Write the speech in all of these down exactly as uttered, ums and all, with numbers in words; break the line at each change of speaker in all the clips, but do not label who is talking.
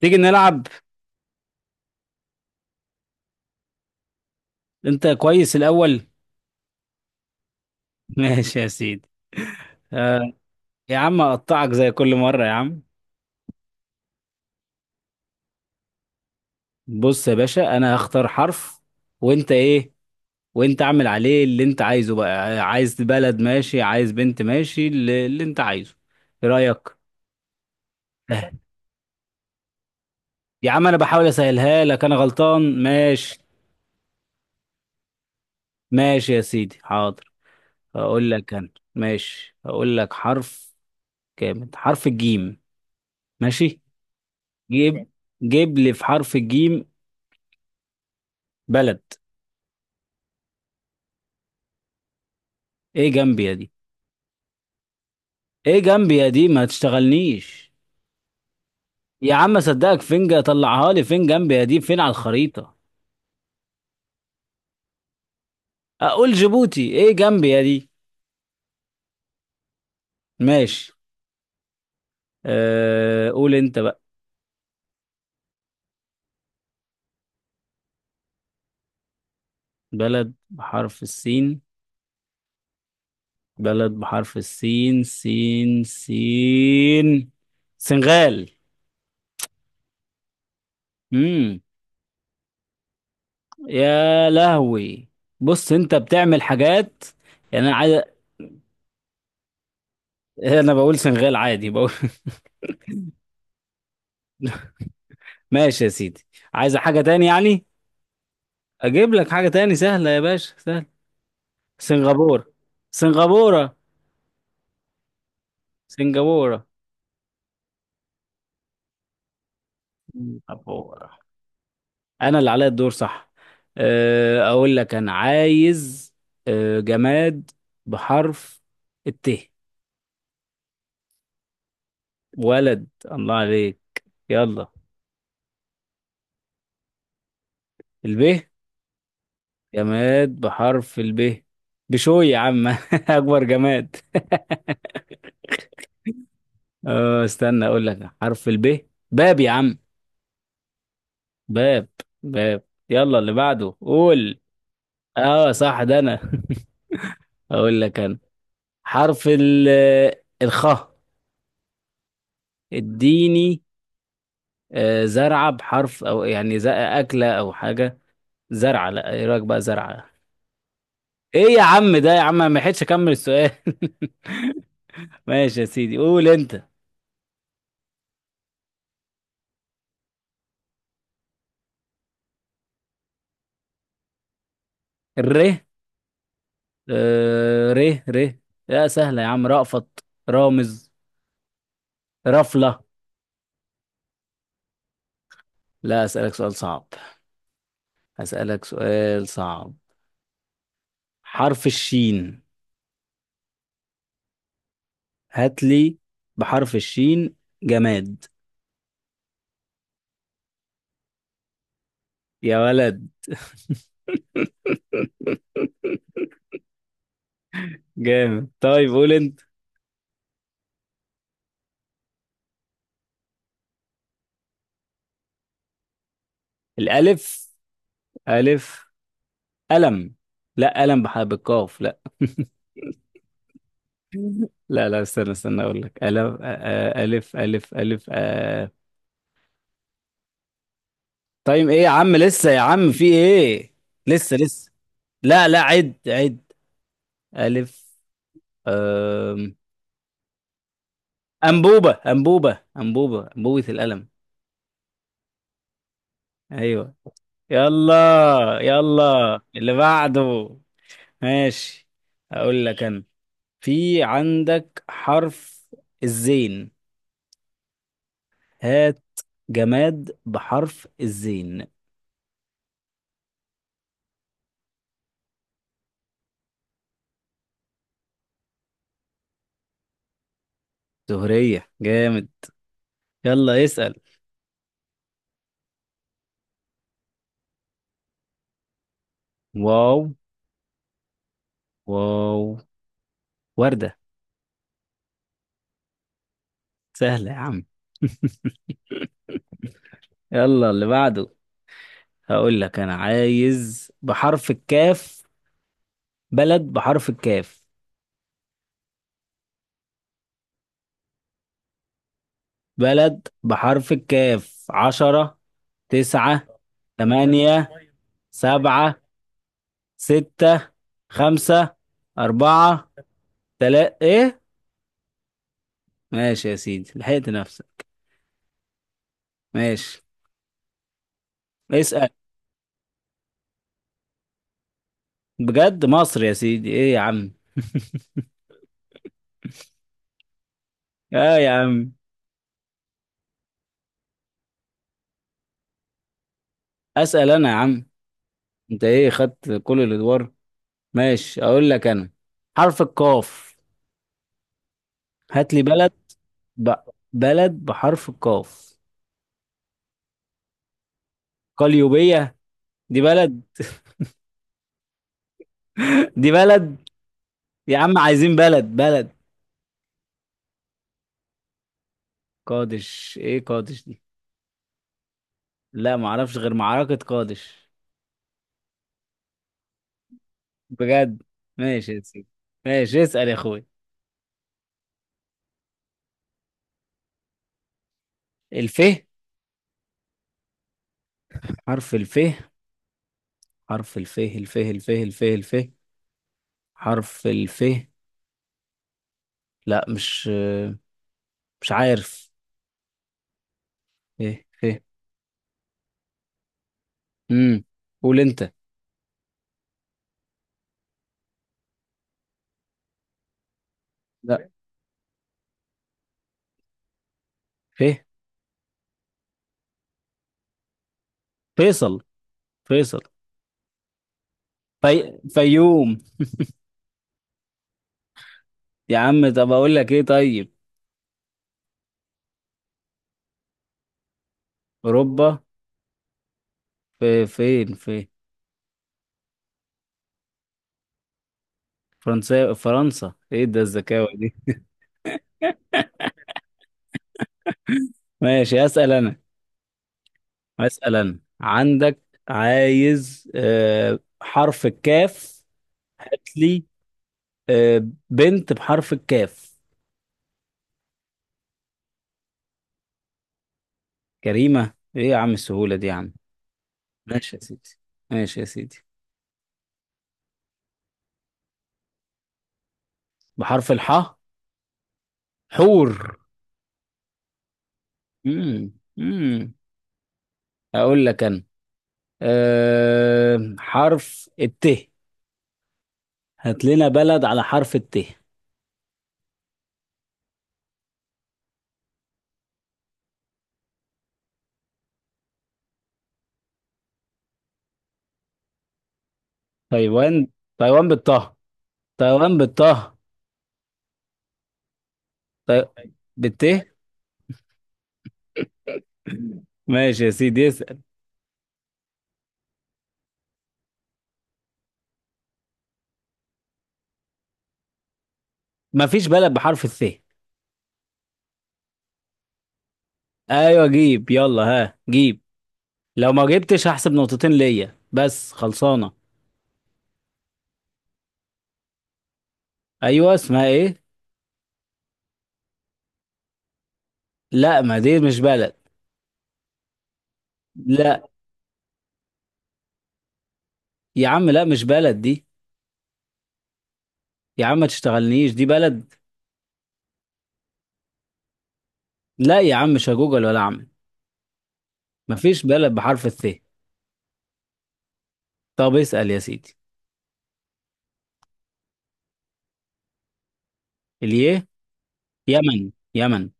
تيجي نلعب. انت كويس الاول؟ ماشي يا سيدي. آه يا عم اقطعك زي كل مره يا عم. بص يا باشا، انا هختار حرف، وانت ايه؟ وانت اعمل عليه اللي انت عايزه بقى. آه، عايز بلد ماشي، عايز بنت ماشي، اللي, اللي انت عايزه. ايه رايك؟ سهل. يا عم انا بحاول اسهلها لك، انا غلطان؟ ماشي. ماشي يا سيدي، حاضر. هقول لك انا. ماشي، هقول لك حرف، كامل حرف الجيم. ماشي. جيب، جيب لي في حرف الجيم بلد. ايه جنبي يا دي؟ ايه جنبي يا دي؟ ما تشتغلنيش. يا عم صدقك فين، طلعها لي فين جنبي يا دي، فين على الخريطة؟ اقول جيبوتي ايه جنبي يا دي. ماشي. أه قول انت بقى. بلد بحرف السين، بلد بحرف السين، سين سين. سنغال. امم يا لهوي. بص انت بتعمل حاجات. يعني انا عايز، انا بقول سنغال عادي، بقول. ماشي يا سيدي. عايز حاجة تاني يعني؟ اجيب لك حاجة تاني سهلة يا باشا، سهل. سنغافورة. سنغافورة. سنغافورة. سنغافورة. انا اللي عليا الدور، صح؟ آه، اقول لك انا عايز آه، جماد بحرف الت. ولد، الله عليك. يلا. الب. جماد بحرف الب. بشوي يا عم، اكبر جماد. أه استنى، اقول لك حرف الب، باب يا عم. باب. باب. يلا، اللي بعده قول. اه صح، ده انا. اقول لك انا. حرف ال، الخاء. اديني. آه، زرعة بحرف او، يعني ز- اكلة او حاجة، زرعة. لا، ايه رأيك بقى، زرعة. ايه يا عم ده يا عم، أنا ما لحقتش اكمل السؤال. ماشي يا سيدي، قول انت. الر. آه، ر. ر. لا سهلة يا عم، رأفت، رامز، رفلة. لا، اسألك سؤال صعب، اسألك سؤال صعب. حرف الشين، هات لي بحرف الشين جماد. يا ولد. جامد، طيب قول انت. الالف. الف. قلم. لا قلم بح- بالقاف، لا. لا لا، استنى استنى، اقول لك الف، آه، الف الف الف آه. طيب ايه يا عم، لسه يا عم في ايه، لسه لسه. لا لا، عد عد. الف. آم. انبوبه انبوبه انبوبه انبوبه القلم. ايوه. يلا. يلا اللي بعده. ماشي، اقول لك انا. في عندك حرف الزين، هات جماد بحرف الزين. زهرية جامد. يلا اسأل. واو. واو. وردة. سهلة يا عم. يلا اللي بعده. هقول لك انا عايز بحرف الكاف، بلد بحرف الكاف، بلد بحرف الكاف. عشرة، تسعة، تمانية، سبعة، ستة، خمسة، أربعة، تلاتة. إيه؟ ماشي يا سيدي، لحقت نفسك. ماشي. اسأل. بجد؟ مصر يا سيدي، ايه يا عم. اه يا عم. اسأل انا يا عم، انت ايه خدت كل الادوار. ماشي، اقول لك انا. حرف القاف، هات لي بلد. ب... بلد بحرف القاف. قليوبية؟ دي بلد؟ دي بلد؟ يا عم عايزين بلد بلد. قادش، ايه قادش دي؟ لا معرفش غير معركة قادش. بجد؟ ماشي يا سيدي. ماشي اسأل يا اخوي. الف. حرف الف، حرف الف، الف الف الف الف. حرف الف. لا مش، مش عارف. ف. ف. امم قول انت. لا، ف. فيصل. فيصل. في... فيوم. يا عم طب اقول لك ايه طيب. اوروبا. في فين في؟ فرنسا، فرنسا. ايه ده الذكاوة دي؟ ماشي، اسال انا. اسال انا، عندك، عايز آه، حرف الكاف، هات لي آه، بنت بحرف الكاف. جريمة؟ ايه يا عم السهولة دي يا عم. ماشي يا سيدي، ماشي يا سيدي. بحرف الحاء. حور. امم امم اقول لك انا. أه حرف الت، هات لنا بلد على حرف الت. تايوان. تايوان بالطه. تايوان بالطه. تاي... بالت. ماشي يا سيدي، اسأل. مفيش بلد بحرف الث. ايوه جيب، يلا ها جيب. لو ما جبتش هحسب نقطتين ليا، بس خلصانة. ايوه اسمها ايه؟ لا ما دي مش بلد. لا يا عم، لا مش بلد دي. يا عم ما تشتغلنيش، دي بلد؟ لا يا عم، مش هجوجل ولا اعمل. مفيش بلد بحرف الث. طب اسأل يا سيدي. اليه. يمن، يمن.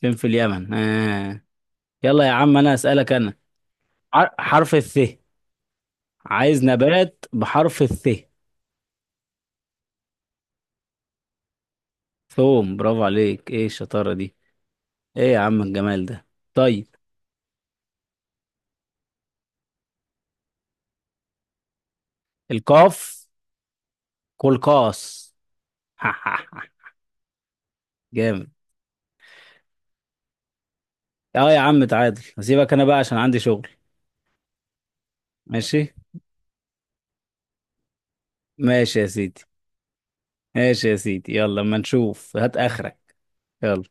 فين في اليمن آه. يلا يا عم، انا اسألك انا. ع- حرف الث، عايز نبات بحرف الث. ثوم، برافو عليك، ايه الشطارة دي؟ ايه يا عم الجمال ده. طيب. القاف. كلكاس. جامد. اه يا عم تعادل، هسيبك انا بقى عشان عندي شغل. ماشي. ماشي يا سيدي، ماشي يا سيدي. يلا اما نشوف، هات اخرك. يلا.